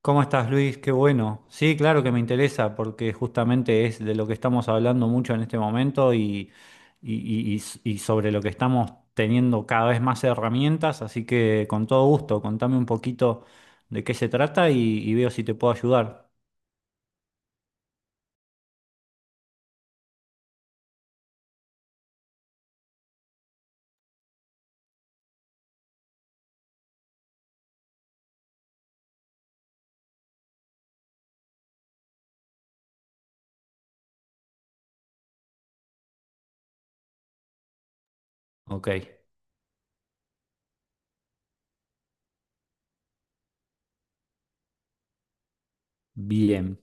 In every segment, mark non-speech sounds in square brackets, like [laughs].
¿Cómo estás, Luis? Qué bueno. Sí, claro que me interesa porque justamente es de lo que estamos hablando mucho en este momento y sobre lo que estamos teniendo cada vez más herramientas, así que con todo gusto, contame un poquito de qué se trata, y veo si te puedo ayudar. Ok, bien,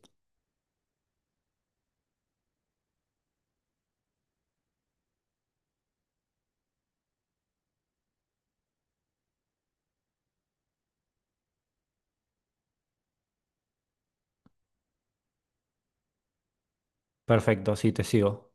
perfecto, sí, te sigo.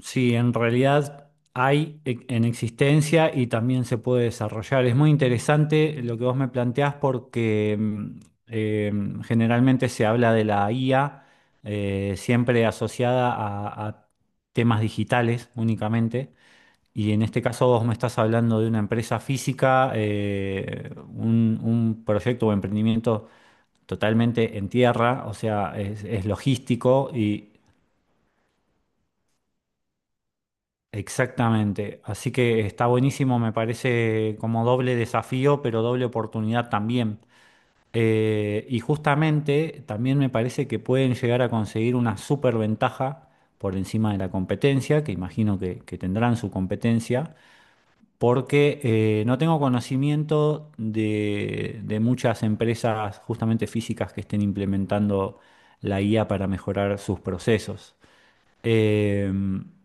Sí, en realidad en existencia y también se puede desarrollar. Es muy interesante lo que vos me planteás porque eh, generalmente se habla de la IA, siempre asociada a temas digitales únicamente. Y en este caso vos me estás hablando de una empresa física, un proyecto o emprendimiento totalmente en tierra, o sea, es logístico y exactamente, así que está buenísimo, me parece como doble desafío, pero doble oportunidad también. Y justamente también me parece que pueden llegar a conseguir una super ventaja por encima de la competencia, que imagino que tendrán su competencia, porque no tengo conocimiento de muchas empresas justamente físicas que estén implementando la IA para mejorar sus procesos. Eh,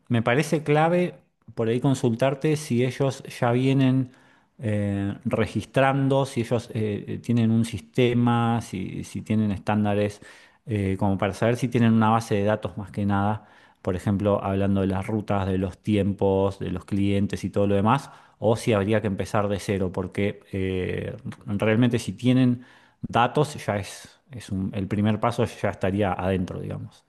me parece clave por ahí consultarte si ellos ya vienen registrando, si ellos tienen un sistema, si, si tienen estándares, como para saber si tienen una base de datos más que nada, por ejemplo, hablando de las rutas, de los tiempos, de los clientes y todo lo demás, o si habría que empezar de cero, porque realmente si tienen datos ya es, el primer paso ya estaría adentro, digamos.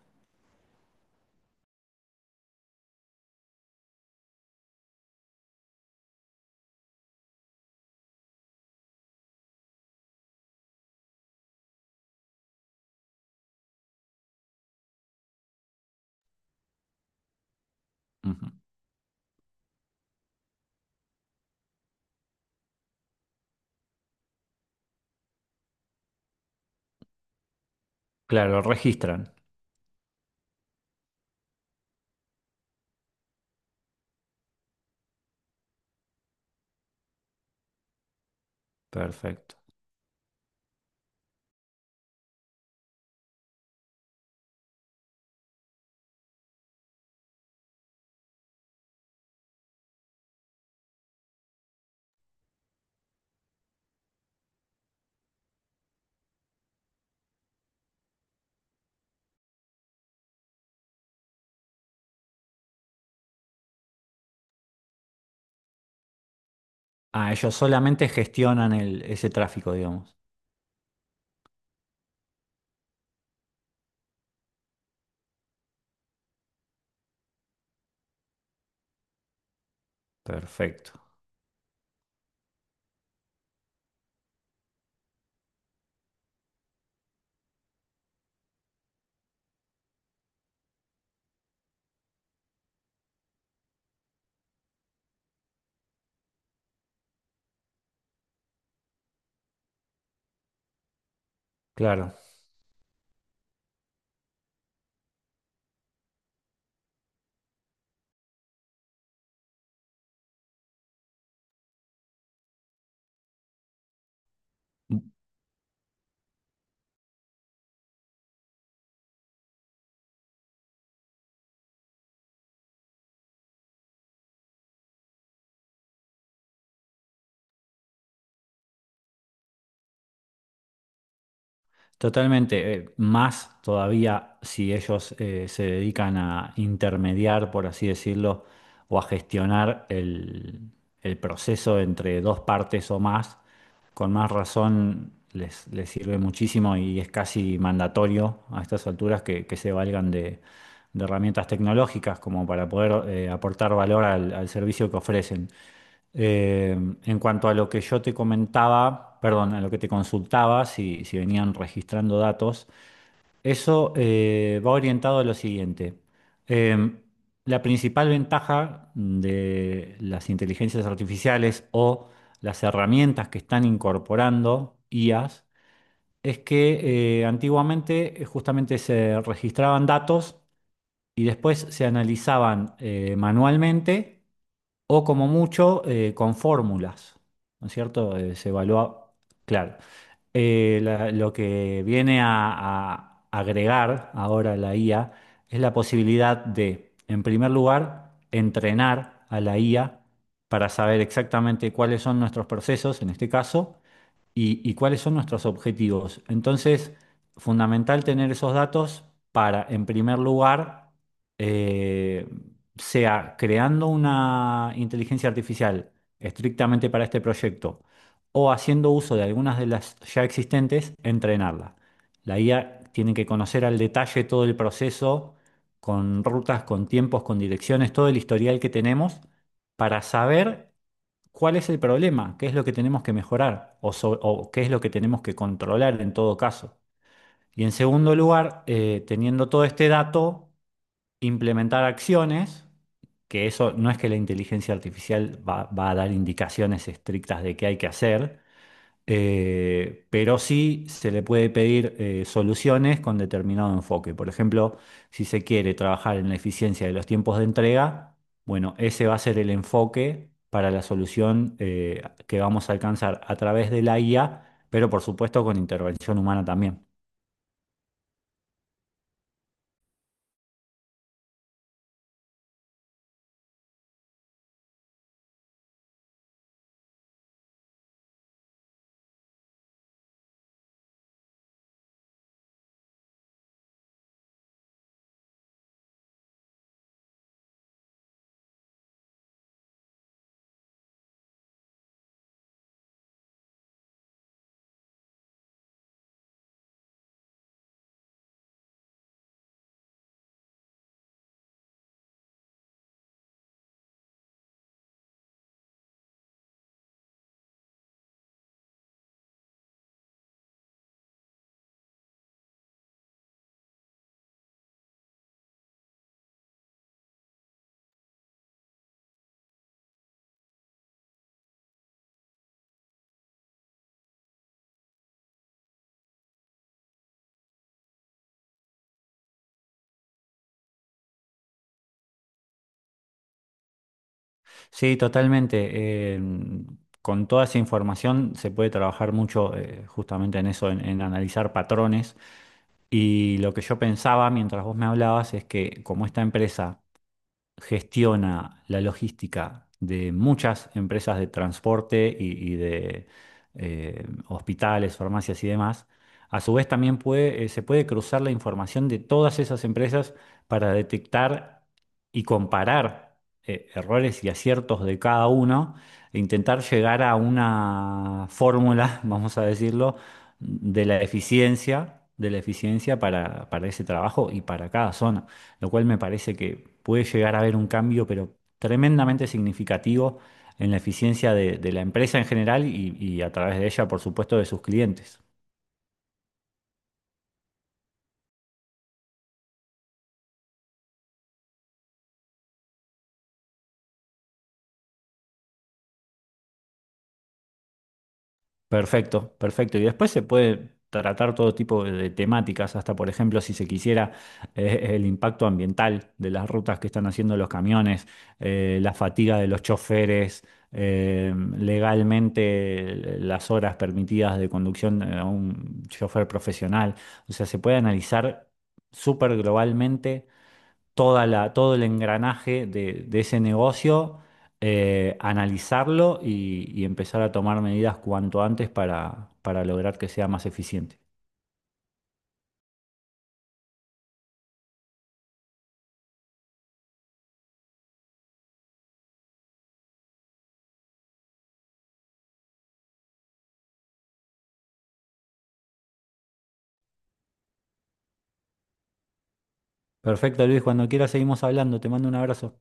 Ujú. Claro, lo registran. Perfecto. Ah, ellos solamente gestionan el, ese tráfico, digamos. Perfecto. Claro. Totalmente. Más todavía si ellos se dedican a intermediar, por así decirlo, o a gestionar el proceso entre dos partes o más, con más razón les, les sirve muchísimo y es casi mandatorio a estas alturas que se valgan de herramientas tecnológicas como para poder aportar valor al, al servicio que ofrecen. Eh, en cuanto a lo que yo te comentaba, perdón, a lo que te consultaba, si, si venían registrando datos, eso va orientado a lo siguiente. Eh, la principal ventaja de las inteligencias artificiales o las herramientas que están incorporando IAs es que antiguamente justamente se registraban datos y después se analizaban manualmente o como mucho con fórmulas, ¿no es cierto? Se evalúa, claro. Lo que viene a agregar ahora la IA es la posibilidad de, en primer lugar, entrenar a la IA para saber exactamente cuáles son nuestros procesos, en este caso, y cuáles son nuestros objetivos. Entonces, fundamental tener esos datos para, en primer lugar, eh, sea creando una inteligencia artificial estrictamente para este proyecto o haciendo uso de algunas de las ya existentes, entrenarla. La IA tiene que conocer al detalle todo el proceso, con rutas, con tiempos, con direcciones, todo el historial que tenemos para saber, ¿cuál es el problema? ¿Qué es lo que tenemos que mejorar? ¿O o qué es lo que tenemos que controlar en todo caso? Y en segundo lugar, teniendo todo este dato, implementar acciones, que eso no es que la inteligencia artificial va a dar indicaciones estrictas de qué hay que hacer, pero sí se le puede pedir soluciones con determinado enfoque. Por ejemplo, si se quiere trabajar en la eficiencia de los tiempos de entrega, bueno, ese va a ser el enfoque para la solución que vamos a alcanzar a través de la IA, pero por supuesto con intervención humana también. Sí, totalmente. eh, con toda esa información se puede trabajar mucho, justamente en eso, en analizar patrones. Y lo que yo pensaba mientras vos me hablabas es que como esta empresa gestiona la logística de muchas empresas de transporte y de hospitales, farmacias y demás, a su vez también puede, se puede cruzar la información de todas esas empresas para detectar y comparar errores y aciertos de cada uno e intentar llegar a una fórmula, [laughs] vamos a decirlo, de la eficiencia para ese trabajo y para cada zona, lo cual me parece que puede llegar a haber un cambio, pero tremendamente significativo en la eficiencia de la empresa en general y a través de ella, por supuesto, de sus clientes. Perfecto, perfecto. Y después se puede tratar todo tipo de temáticas, hasta por ejemplo, si se quisiera, el impacto ambiental de las rutas que están haciendo los camiones, la fatiga de los choferes, legalmente las horas permitidas de conducción a un chofer profesional. O sea, se puede analizar súper globalmente toda la, todo el engranaje de ese negocio, analizarlo y empezar a tomar medidas cuanto antes para lograr que sea más eficiente. Perfecto, Luis, cuando quieras seguimos hablando. Te mando un abrazo.